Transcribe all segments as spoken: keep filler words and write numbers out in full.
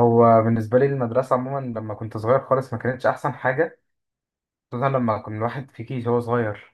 هو بالنسبة لي المدرسة عموما لما كنت صغير خالص ما كانتش أحسن حاجة. خصوصا لما كان الواحد في كيش هو صغير،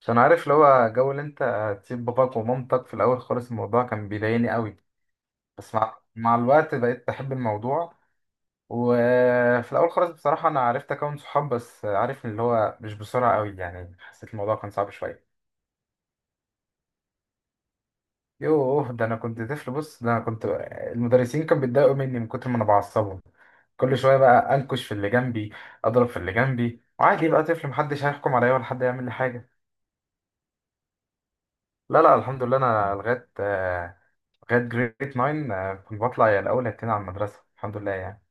عشان عارف اللي هو جو اللي أنت تسيب باباك ومامتك. في الأول خالص الموضوع كان بيضايقني قوي، بس مع, مع الوقت بقيت بحب الموضوع. وفي الأول خالص بصراحة أنا عرفت أكون صحاب، بس عارف اللي هو مش بسرعة قوي، يعني حسيت الموضوع كان صعب شوية. يوه، ده انا كنت طفل. بص، ده انا كنت المدرسين كانوا بيتضايقوا مني من كتر ما انا بعصبهم. كل شويه بقى انكش في اللي جنبي، اضرب في اللي جنبي، وعادي بقى طفل، محدش هيحكم عليا ولا حد يعمل لي حاجه. لا لا، الحمد لله، انا لغايه آه، لغايه جريد تسعة، آه، كنت بطلع يا الاول هتين على المدرسه، الحمد لله يعني.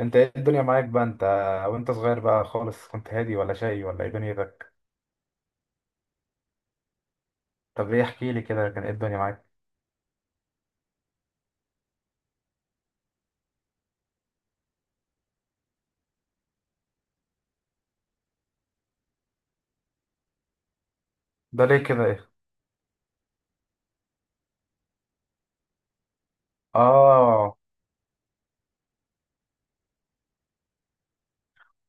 انت ايه الدنيا معاك بقى انت؟ وانت صغير بقى خالص كنت هادي ولا شقي ولا ايه دنيتك؟ طب ايه، احكي لي كده، كان ايه الدنيا معاك؟ ده ليه كده؟ ايه؟ اه،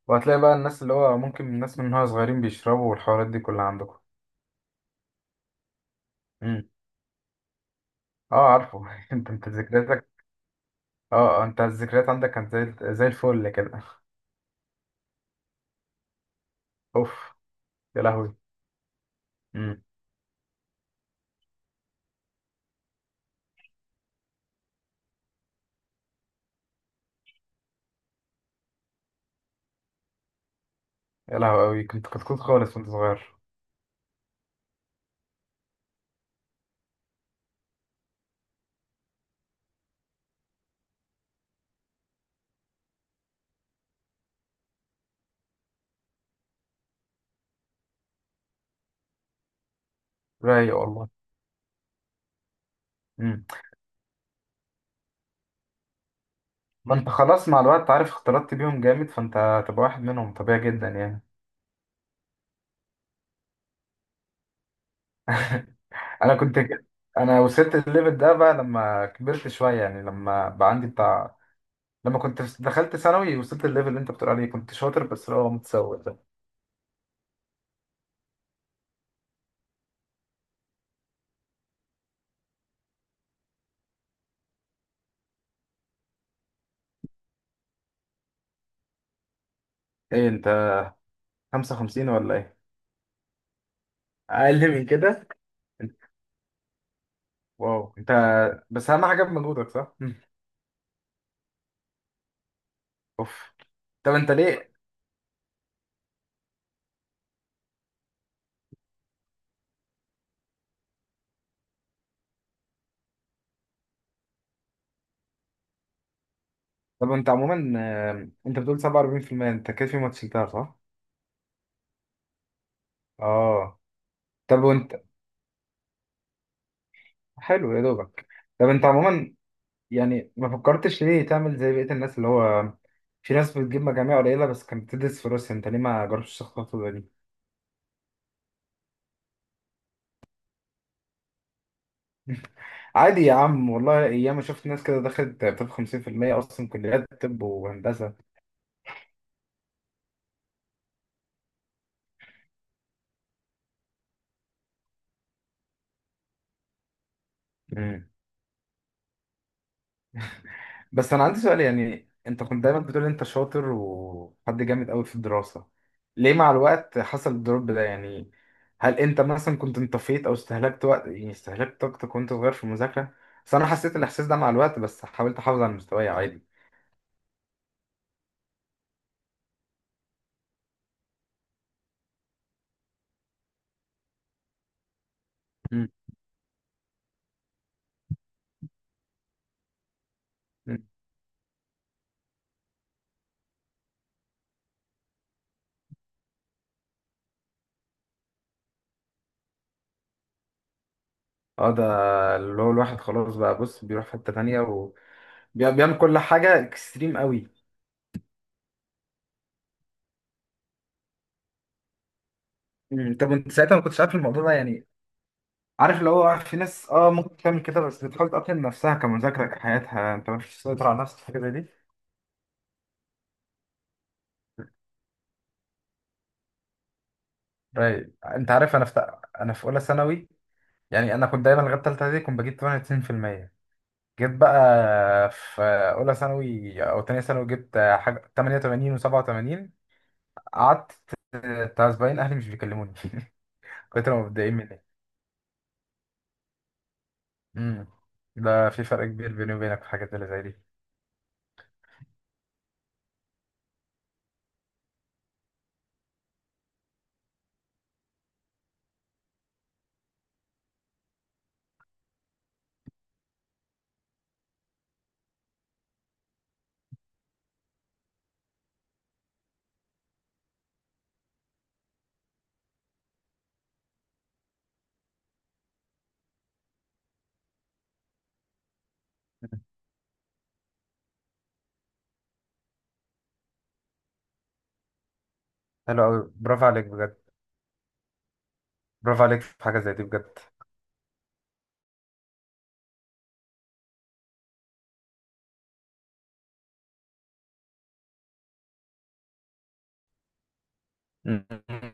وهتلاقي بقى الناس اللي هو ممكن الناس من وهي صغيرين بيشربوا والحوارات دي كلها عندكم. امم. اه، عارفه. انت انت ذكرياتك. اه، آه، انت الذكريات عندك كانت زي زي الفل كده. اوف. يا لهوي. امم. يا لهوي، قوي كنت كتكوت خالص وانت صغير. رايق والله. امم. فانت خلاص مع الوقت، عارف، اختلطت بيهم جامد، فانت هتبقى واحد منهم طبيعي جدا يعني. انا كنت ك- انا وصلت الليفل ده بقى لما كبرت شويه، يعني لما بقى عندي بتاع. لما كنت في- دخلت ثانوي، وصلت الليفل اللي انت بتقول عليه، كنت شاطر بس اللي هو متسوق. ايه انت، خمسة وخمسين ولا ايه؟ اقل من كده؟ انت؟ واو، انت. بس اهم حاجه بمجهودك، صح. مم. اوف. طب انت ليه؟ طب انت عموما، آه، انت بتقول سبعة وأربعين في المية. انت كده في ماتش شلتها، صح؟ اه. طب وانت، حلو يا دوبك. طب انت عموما، يعني ما فكرتش ليه تعمل زي بقيه الناس اللي هو في ناس بتجيب مجاميع قليله بس كانت بتدرس في روسيا، انت ليه ما جربتش الخطوه دي؟ عادي يا عم والله، ايام ما شفت ناس كده دخلت طب خمسين في المية، اصلا كليات طب وهندسه. مم. بس انا عندي سؤال، يعني انت كنت دايما بتقول انت شاطر وحد جامد قوي في الدراسة، ليه مع الوقت حصل الدروب ده يعني؟ هل انت مثلا كنت انطفيت او استهلكت وقت، يعني استهلكت طاقتك وانت صغير في المذاكرة؟ بس انا حسيت الاحساس ده مع الوقت، بس حاولت احافظ على مستواي عادي. مم. مم. اه ده اللي هو الواحد خلاص بقى، بص، بيروح في حتة تانية وبيعمل كل حاجة اكستريم قوي. مم. طب انت ساعتها ما كنتش عارف الموضوع ده يعني؟ عارف اللي هو في ناس اه ممكن تعمل كده، بس بتحاول تقتل نفسها كمذاكرة كحياتها، انت مش تسيطر على نفسك في حاجة زي دي. رايق. انت عارف، انا في تق- انا في اولى ثانوي، يعني انا كنت دايما لغايه ثالثه دي كنت بجيب ثمانية وتسعين في المية. جيت بقى في اولى ثانوي او ثانيه ثانوي، جبت حاجه ثمانية وثمانين و87. قعدت بتاع اسبوعين اهلي مش بيكلموني. كنت لما متضايقين مني. امم. ده في فرق كبير بيني وبينك في الحاجات اللي زي دي. حلو قوي، برافو عليك بجد. برافو عليك في حاجه زي دي بجد.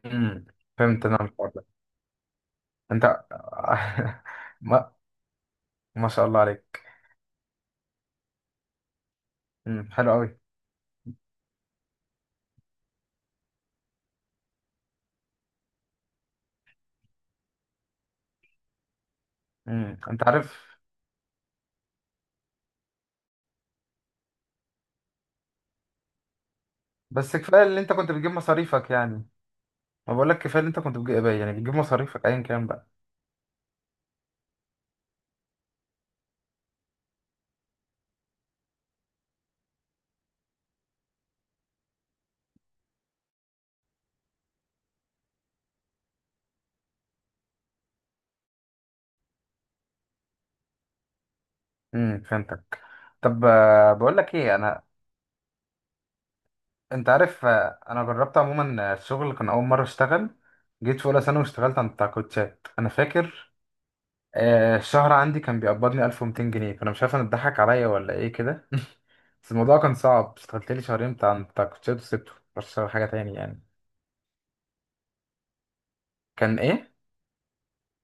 أمم. فهمت انا الحوار ده. انت. ما ما شاء الله عليك. أمم، حلو قوي. أمم، انت عارف. بس كفايه اللي انت كنت بتجيب مصاريفك يعني. ما بقول لك كفايه اللي انت كنت بتجيب، يعني بتجيب مصاريفك ايا كان بقى. امم، فهمتك. طب آه، بقول لك ايه انا. انت عارف، آه، انا جربت عموما، آه، الشغل، كان اول مره اشتغل جيت في اولى ثانوي واشتغلت عند بتاع كوتشات، انا فاكر آه، الشهر عندي كان بيقبضني ألف ومتين جنيه. فانا مش عارف انا اتضحك عليا ولا ايه كده. بس الموضوع كان صعب، اشتغلت لي شهرين بتاع بتاع كوتشات وسبته، رحت اشتغل حاجه تاني يعني. كان ايه؟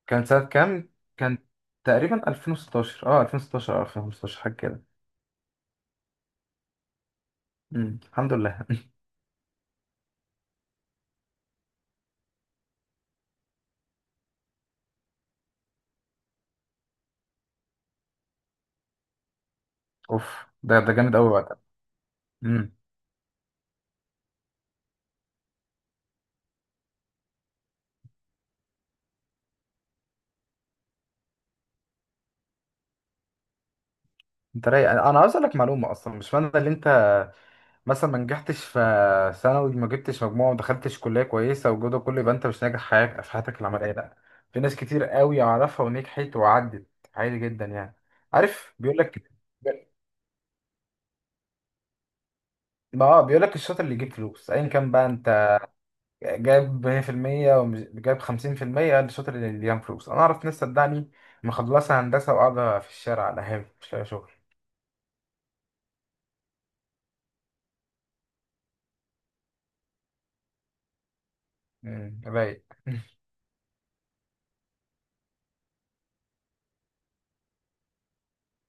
كان سنه كام؟ كان تقريبا ألفين وستاشر، اه ألفين وستاشر او ألفين وخمستاشر، حاجه كده. امم، الحمد لله. اوف. ده ده جامد قوي وقتها. امم. انت رايق. انا عاوز اقول لك معلومه، اصلا مش معنى اللي انت مثلا ما نجحتش في ثانوي، ما جبتش مجموعة وما دخلتش كلية كويسة والجو ده كله، يبقى انت مش ناجح حياتك في حياتك العملية، لا. في ناس كتير قوي اعرفها ونجحت وعدت، عادي جدا يعني. عارف بيقول لك، ما اه بيقول لك الشاطر اللي يجيب فلوس ايا كان بقى، انت جايب ميه بالميه وجايب خمسين في المية، الشاطر اللي اللي يجيب فلوس. انا اعرف ناس، صدقني، مخلصة هندسة وقاعدة في الشارع على هاوي مش لاقي شغل. مم، رايق.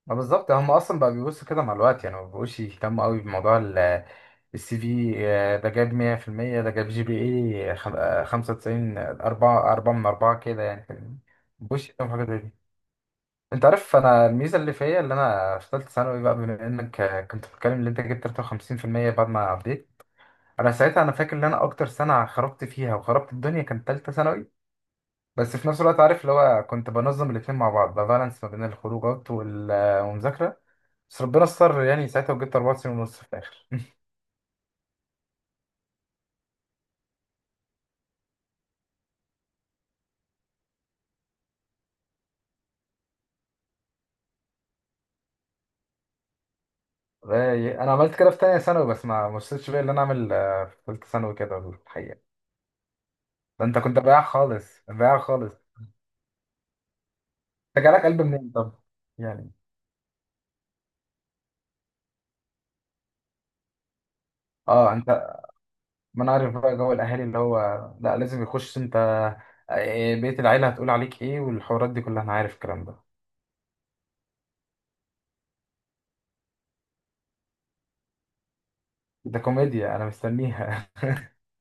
ما بالظبط، هم اصلا بقى بيبصوا كده مع الوقت، يعني ما بيبقوش يهتموا قوي بموضوع ال- السي في. آه، ده جاب مية في المية، ده جاب جي بي اي خمسة وتسعين، أربعة أربعة من أربعة كده، يعني فاهمني؟ ما بيبقوش يهتموا بحاجه زي دي. انت عارف انا الميزه اللي فيا، اللي انا في ثالثه ثانوي بقى، بما انك آه، كنت بتتكلم ان انت جبت ثلاثة وخمسين في المية بعد ما عديت. انا ساعتها انا فاكر ان انا اكتر سنه خربت فيها وخربت الدنيا كانت ثالثه ثانوي. بس في نفس الوقت، عارف اللي هو كنت بنظم الاتنين مع بعض، بالانس ما بين الخروجات وال- والمذاكرة. بس ربنا استر يعني ساعتها، وجبت أربع سنين ونص في الآخر. بقى- أنا عملت كده في تانية ثانوي، بس ما ما وصلتش بقى اللي أنا أعمل آه، في تالتة ثانوي كده الحقيقة. ده أنت كنت بايع خالص، بايع خالص. أنت جالك قلب منين طب؟ يعني أه أنت، ما أنا عارف بقى جو الأهالي اللي هو لا لازم يخش أنت، آه، بيت العيلة هتقول عليك إيه والحوارات دي كلها، أنا عارف الكلام ده. ده كوميديا، أنا مستنيها.